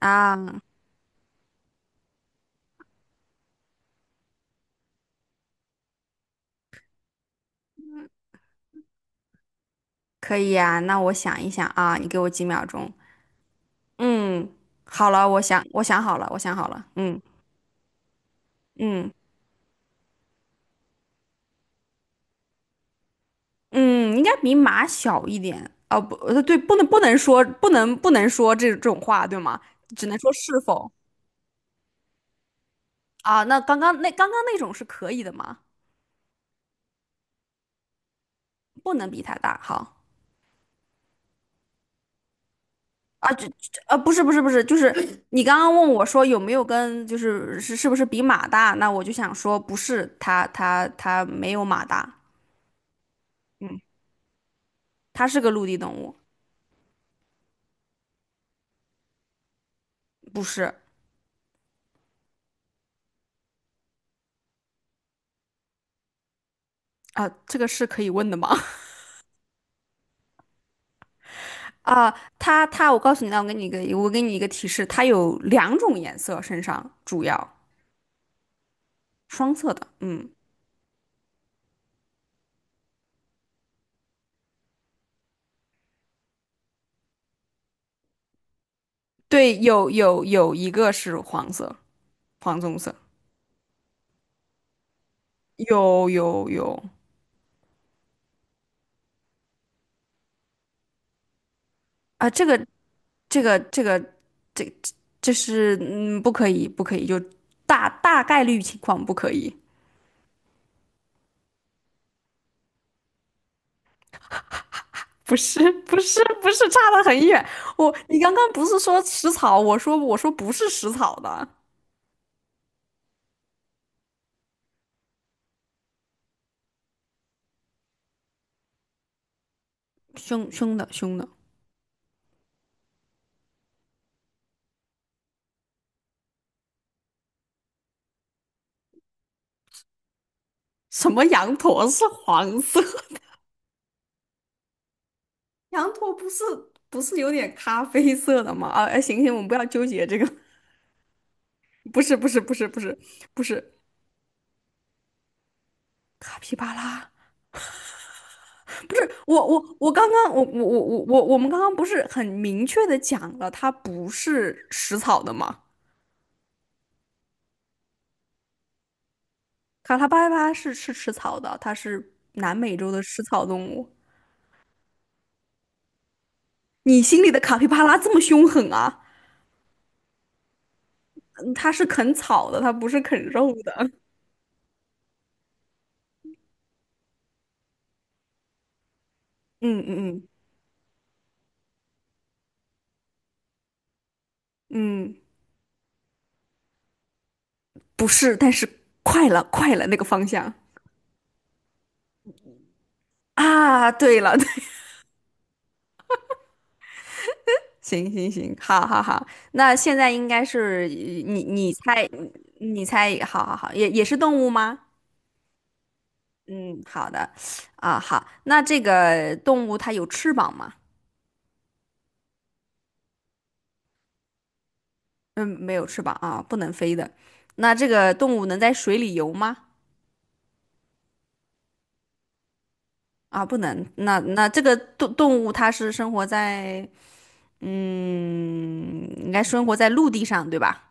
啊，可以呀，那我想一想啊，你给我几秒钟。嗯，好了，我想好了，我想好了。嗯嗯嗯，应该比马小一点。哦，不，对，不能说这种话，对吗？只能说是否啊？那刚刚那种是可以的吗？不能比它大。好，不是，就是你刚刚问我说有没有跟，就是是不是比马大？那我就想说不是，它没有马大。嗯，它是个陆地动物。不是啊，这个是可以问的吗？啊，我告诉你，那我给你一个，我给你一个提示，它有两种颜色，身上主要双色的，嗯，对，有一个是黄色，黄棕色，有啊，这个这个这这是不可以，就大大概率情况不可以，不是，差得很远，我你刚刚不是说食草，我说不是食草的。凶的，什么羊驼是黄色？羊驼不是不是有点咖啡色的吗？啊，哎，行，我们不要纠结这个，不是不是不是不是不是卡皮巴拉，不是我我我刚刚我我我我我我们刚刚不是很明确的讲了，它不是食草的吗？卡拉巴拉是吃草的，它是南美洲的食草动物。你心里的卡皮巴拉这么凶狠啊？嗯，它是啃草的，它不是啃肉的。嗯嗯嗯。嗯，不是，但是快了，快了那个方向。啊！对了，对，行行行好好好，那现在应该是你你猜，你猜，好好好，也是动物吗？嗯，好的，啊好，那这个动物它有翅膀吗？嗯，没有翅膀啊，不能飞的。那这个动物能在水里游吗？啊，不能。那这个动物它是生活在，嗯，应该生活在陆地上，对吧？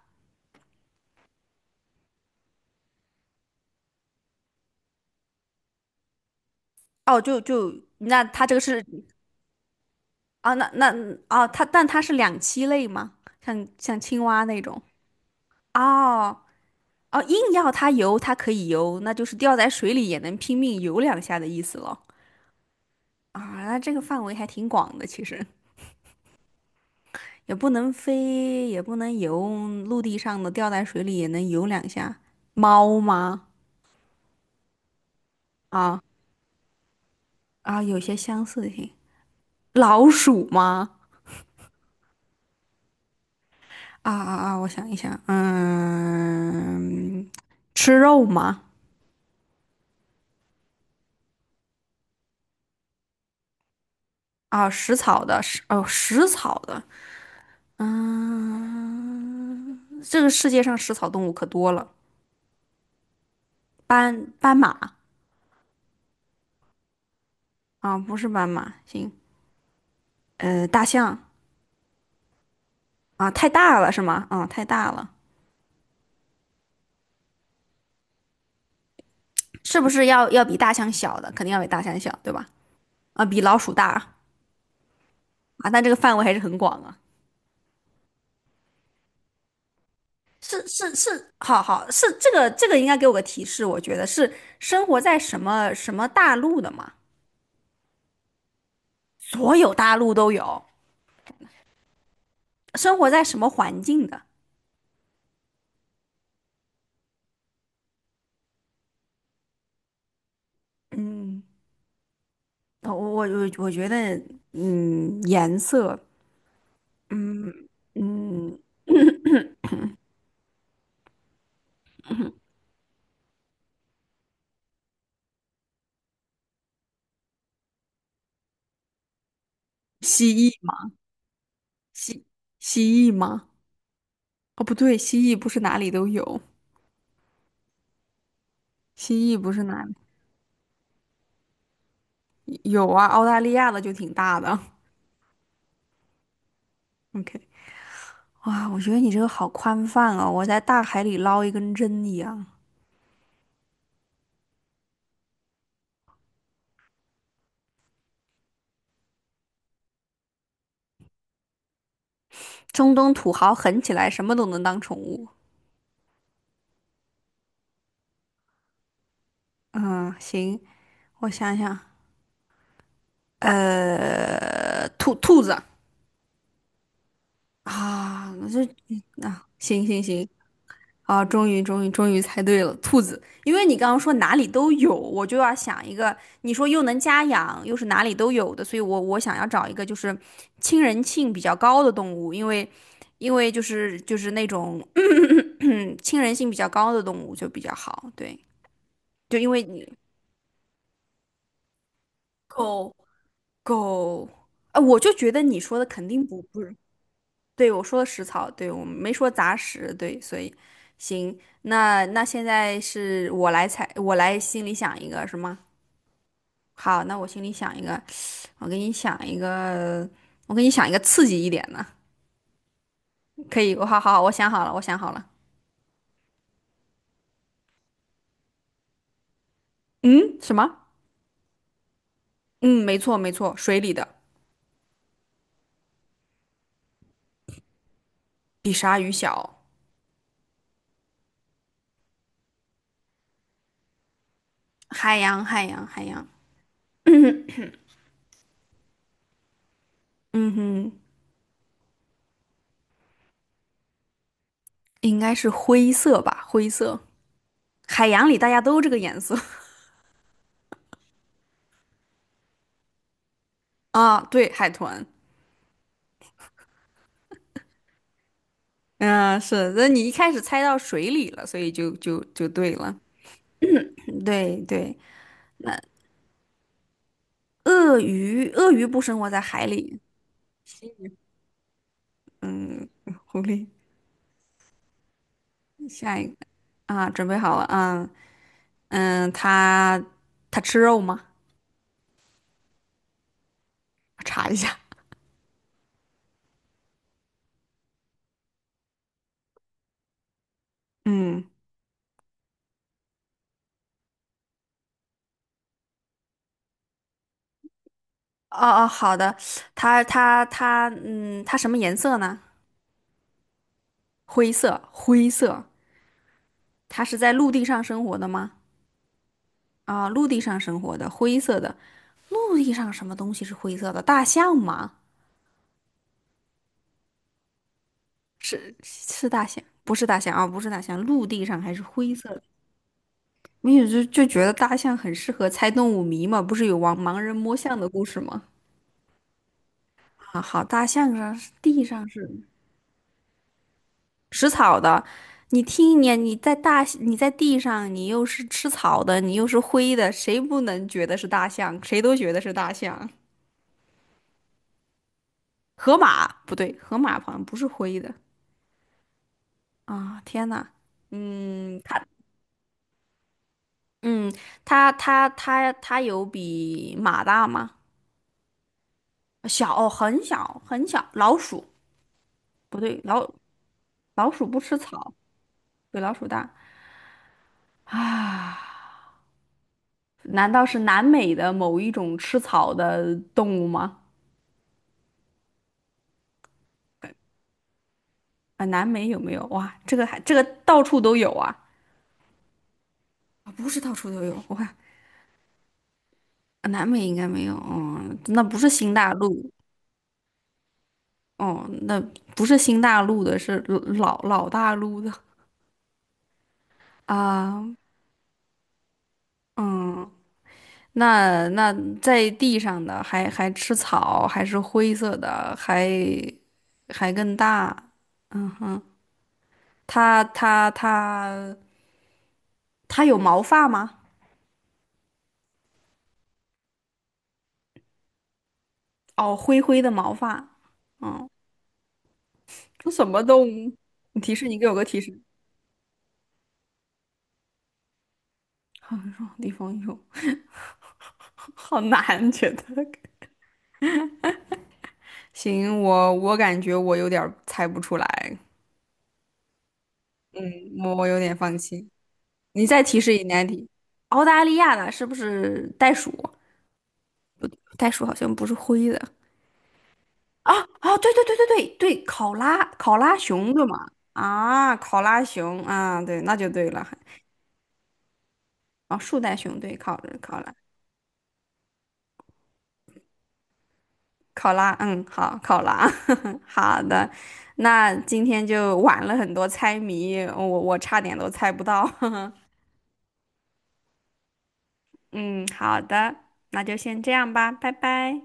哦，就就那它这个是啊，哦，它但它是两栖类吗？像青蛙那种？哦哦，硬要它游，它可以游，那就是掉在水里也能拼命游两下的意思了。啊，那这个范围还挺广的，其实也不能飞，也不能游，陆地上的掉在水里也能游两下。猫吗？啊有些相似性。老鼠吗？我想一想，嗯，吃肉吗？啊，食草的，食草的，这个世界上食草动物可多了，斑马。啊，不是斑马，行，呃，大象。啊，太大了是吗？啊，太大了，是不是要比大象小的？肯定要比大象小，对吧？啊，比老鼠大。啊，但这个范围还是很广啊。是是是，好是这个，这个应该给我个提示，我觉得是生活在什么什么大陆的嘛？所有大陆都有，生活在什么环境的？嗯，我觉得，嗯，颜色，嗯。嗯，蜥蜴吗？蜥蜥蜴吗？哦，不对，蜥蜴不是哪里都有，蜥蜴不是哪里有啊，澳大利亚的就挺大的。OK,哇，我觉得你这个好宽泛哦，我在大海里捞一根针一样。中东土豪狠起来，什么都能当宠物。嗯，行，我想想，呃，兔子。啊，那这啊，行行行。啊，终于，终于，终于猜对了，兔子。因为你刚刚说哪里都有，我就要想一个，你说又能家养，又是哪里都有的，所以我想要找一个就是亲人性比较高的动物，因为就是那种 亲人性比较高的动物就比较好，对，就因为你狗狗，啊，我就觉得你说的肯定不是。对，我说的食草，对，我没说杂食，对，所以行，那现在是我来猜，我来心里想一个，是吗？好，那我心里想一个，我给你想一个，我给你想一个刺激一点的，可以，我好好好，我想好了，我想好了，嗯，什么？嗯，没错没错，水里的，比鲨鱼小，海洋，嗯哼，应该是灰色吧，灰色，海洋里大家都这个颜色。 啊，对，海豚。嗯，是，那你一开始猜到水里了，所以就对了。对对，鳄鱼，鳄鱼不生活在海里。嗯，狐狸，下一个啊，准备好了啊，嗯，它吃肉吗？我查一下。嗯，哦哦，好的，它它它，嗯，它什么颜色呢？灰色，灰色。它是在陆地上生活的吗？啊，陆地上生活的，灰色的。陆地上什么东西是灰色的？大象吗？是是大象，不是大象啊，不是大象，陆地上还是灰色的。没有，觉得大象很适合猜动物谜嘛，不是有盲人摸象的故事吗？啊，好，大象上是地上是食草的，你听一年你在大你在地上，你又是吃草的，你又是灰的，谁不能觉得是大象？谁都觉得是大象。河马不对，河马好像不是灰的。啊！天呐，嗯，嗯它有比马大吗？小，哦很小很小，老鼠不对，老鼠不吃草，比老鼠大。啊？难道是南美的某一种吃草的动物吗？啊，南美有没有？哇，这个还这个到处都有啊！啊，不是到处都有，我看啊，南美应该没有，嗯，那不是新大陆，哦，那不是新大陆的，是老大陆的啊，嗯。那在地上的还吃草，还是灰色的，还更大。嗯哼，它它它它有毛发吗？哦，灰灰的毛发。这什么动物？你提示，你给我个提示。好种地方有。好难，觉得。行，我我感觉我有点儿猜不出来。嗯，我我有点放弃。你再提示一难题。澳大利亚的是不是袋鼠？袋鼠好像不是灰的，啊啊，对对，考拉熊对吗？啊，考拉熊啊，对，那就对了。啊，树袋熊对，考拉考拉，嗯，好，考拉，好的。那今天就玩了很多猜谜，我我差点都猜不到。嗯，好的，那就先这样吧，拜拜。